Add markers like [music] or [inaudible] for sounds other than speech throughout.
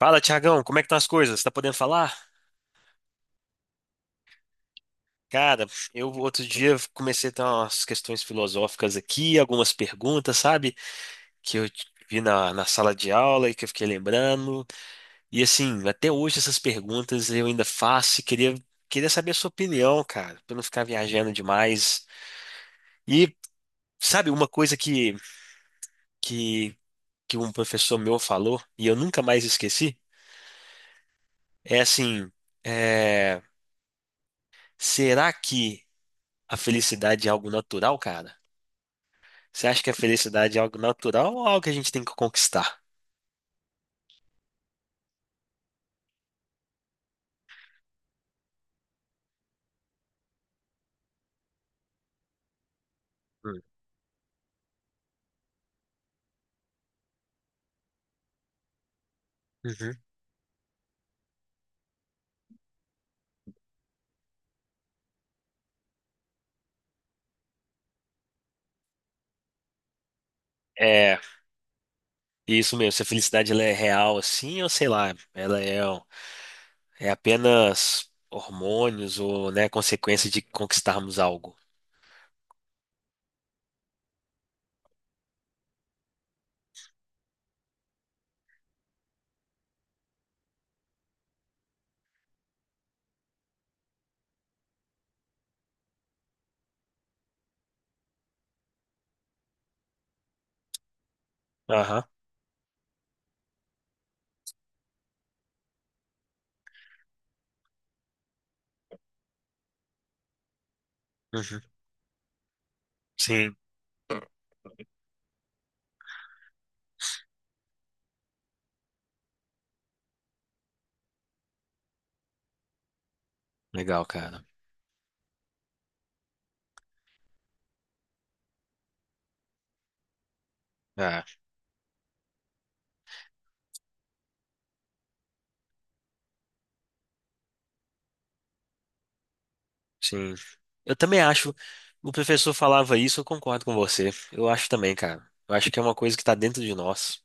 Fala, Tiagão, como é que estão as coisas? Tá podendo falar? Cara, eu outro dia comecei a ter umas questões filosóficas aqui, algumas perguntas, sabe? Que eu vi na sala de aula e que eu fiquei lembrando. E assim, até hoje essas perguntas eu ainda faço e queria saber a sua opinião, cara, pra não ficar viajando demais. E sabe, uma coisa que, que um professor meu falou e eu nunca mais esqueci é assim, é, será que a felicidade é algo natural, cara? Você acha que a felicidade é algo natural ou algo que a gente tem que conquistar? Hum. Uhum. É, isso mesmo. Se a felicidade ela é real assim, ou sei lá, é apenas hormônios ou, né, consequência de conquistarmos algo. Aham. Uhum. Sim. Legal, cara. Ah, sim. Eu também acho. O professor falava isso, eu concordo com você. Eu acho também, cara. Eu acho que é uma coisa que tá dentro de nós.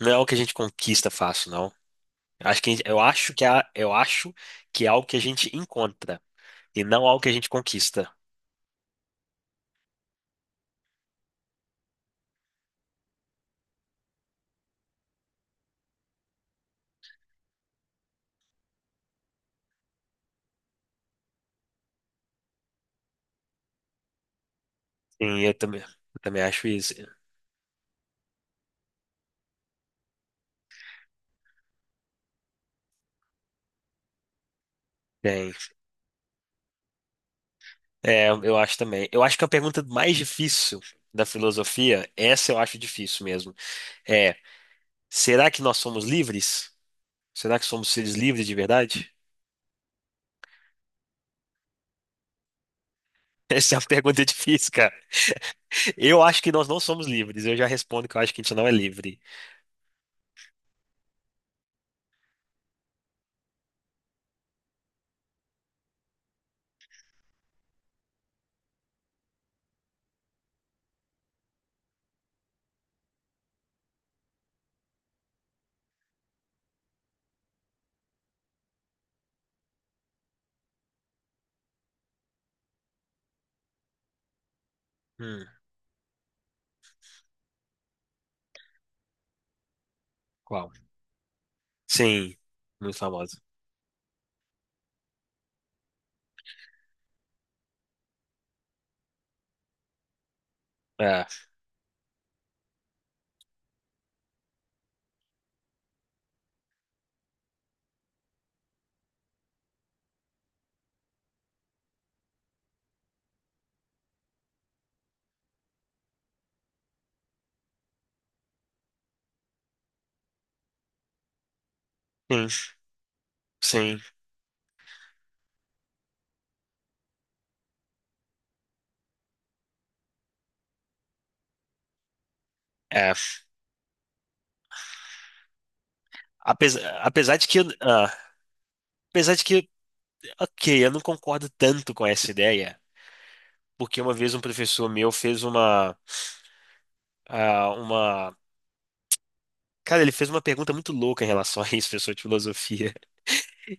Não é algo que a gente conquista fácil, não. Eu acho que a gente- eu acho que é, eu acho que é algo que a gente encontra e não algo que a gente conquista. Sim, eu também acho isso. Tem. É, eu acho também. Eu acho que a pergunta mais difícil da filosofia, essa eu acho difícil mesmo, é: será que nós somos livres? Será que somos seres livres de verdade? [laughs] Essa é uma pergunta difícil. Eu acho que nós não somos livres. Eu já respondo que eu acho que a gente não é livre. Hum, qual? Sim, muito famoso. É, sim, sim, é. Apesar de que, ah, apesar de que, ok, eu não concordo tanto com essa ideia, porque uma vez um professor meu fez uma, cara, ele fez uma pergunta muito louca em relação a isso, professor de filosofia.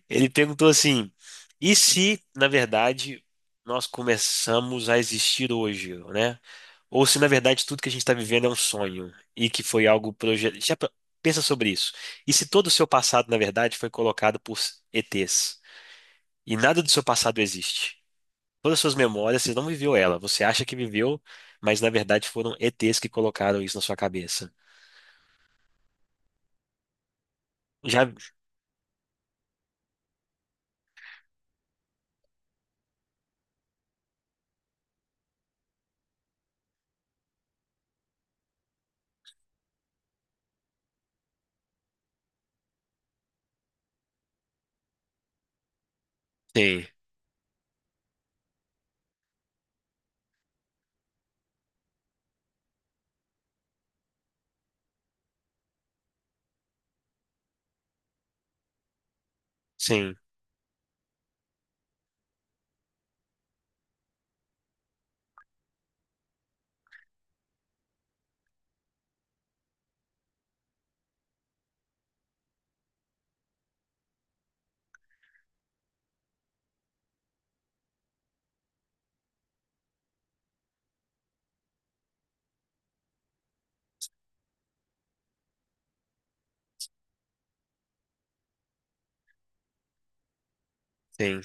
Ele perguntou assim: e se, na verdade, nós começamos a existir hoje, né? Ou se, na verdade, tudo que a gente está vivendo é um sonho e que foi algo projetado. Pensa sobre isso. E se todo o seu passado, na verdade, foi colocado por ETs e nada do seu passado existe? Todas as suas memórias, você não viveu ela. Você acha que viveu, mas na verdade foram ETs que colocaram isso na sua cabeça. Já. Sim, sim, sim,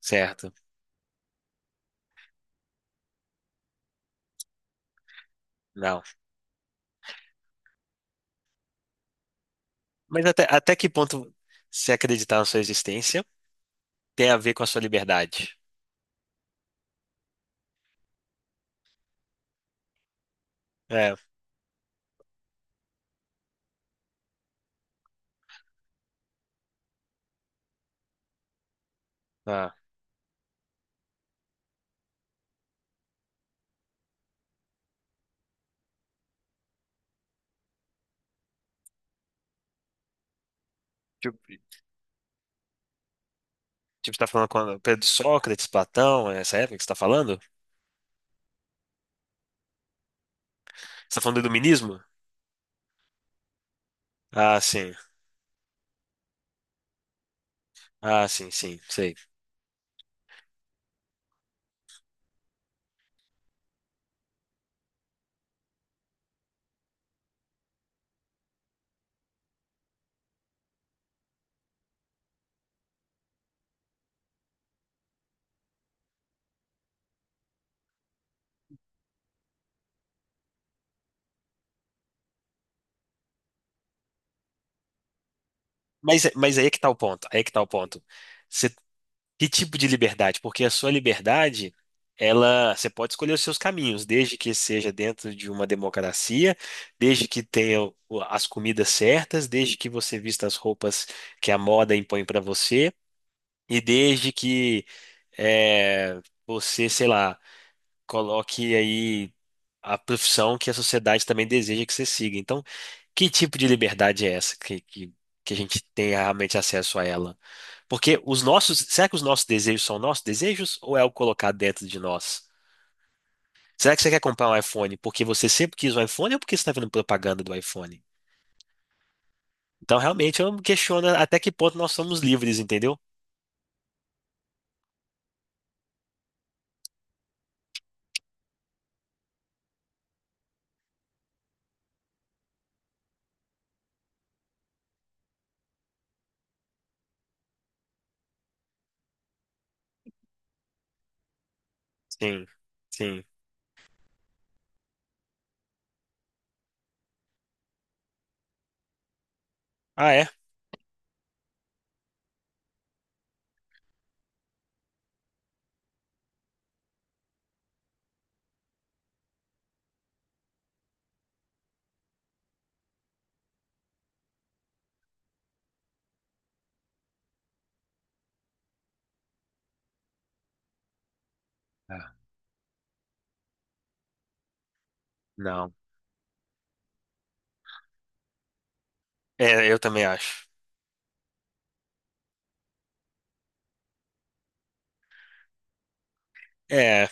certo. Não. Mas até que ponto se acreditar na sua existência tem a ver com a sua liberdade? É, ah, tipo, você está falando com Pedro de Sócrates, Platão, essa época que você está falando? Você está falando do iluminismo? Ah, sim. Ah, sim, sim, sei. Mas aí é que tá o ponto, aí é que tá o ponto. Você que tipo de liberdade? Porque a sua liberdade, ela, você pode escolher os seus caminhos, desde que seja dentro de uma democracia, desde que tenha as comidas certas, desde que você vista as roupas que a moda impõe para você, e desde que é, você, sei lá, coloque aí a profissão que a sociedade também deseja que você siga. Então, que tipo de liberdade é essa que a gente tem realmente acesso a ela? Porque os nossos, será que os nossos desejos são nossos desejos ou é o colocado dentro de nós? Será que você quer comprar um iPhone porque você sempre quis um iPhone ou porque você está vendo propaganda do iPhone? Então, realmente, eu me questiono até que ponto nós somos livres, entendeu? Sim, sim. Ah, é? Ah, não. É, eu também acho. É,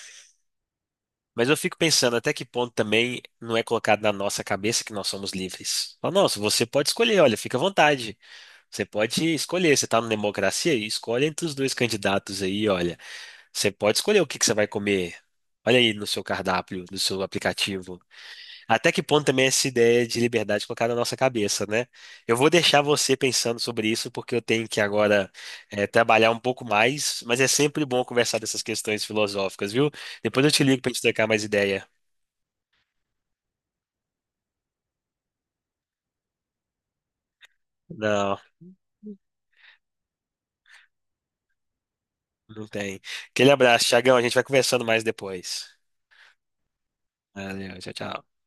mas eu fico pensando até que ponto também não é colocado na nossa cabeça que nós somos livres. Fala, nossa, você pode escolher, olha, fica à vontade. Você pode escolher, você está numa democracia e escolhe entre os dois candidatos aí, olha. Você pode escolher o que que você vai comer. Olha aí no seu cardápio, no seu aplicativo. Até que ponto também essa ideia de liberdade colocada na nossa cabeça, né? Eu vou deixar você pensando sobre isso, porque eu tenho que agora trabalhar um pouco mais, mas é sempre bom conversar dessas questões filosóficas, viu? Depois eu te ligo pra gente trocar mais ideia. Não, não tem. Aquele abraço, Thiagão. A gente vai conversando mais depois. Valeu, tchau, tchau.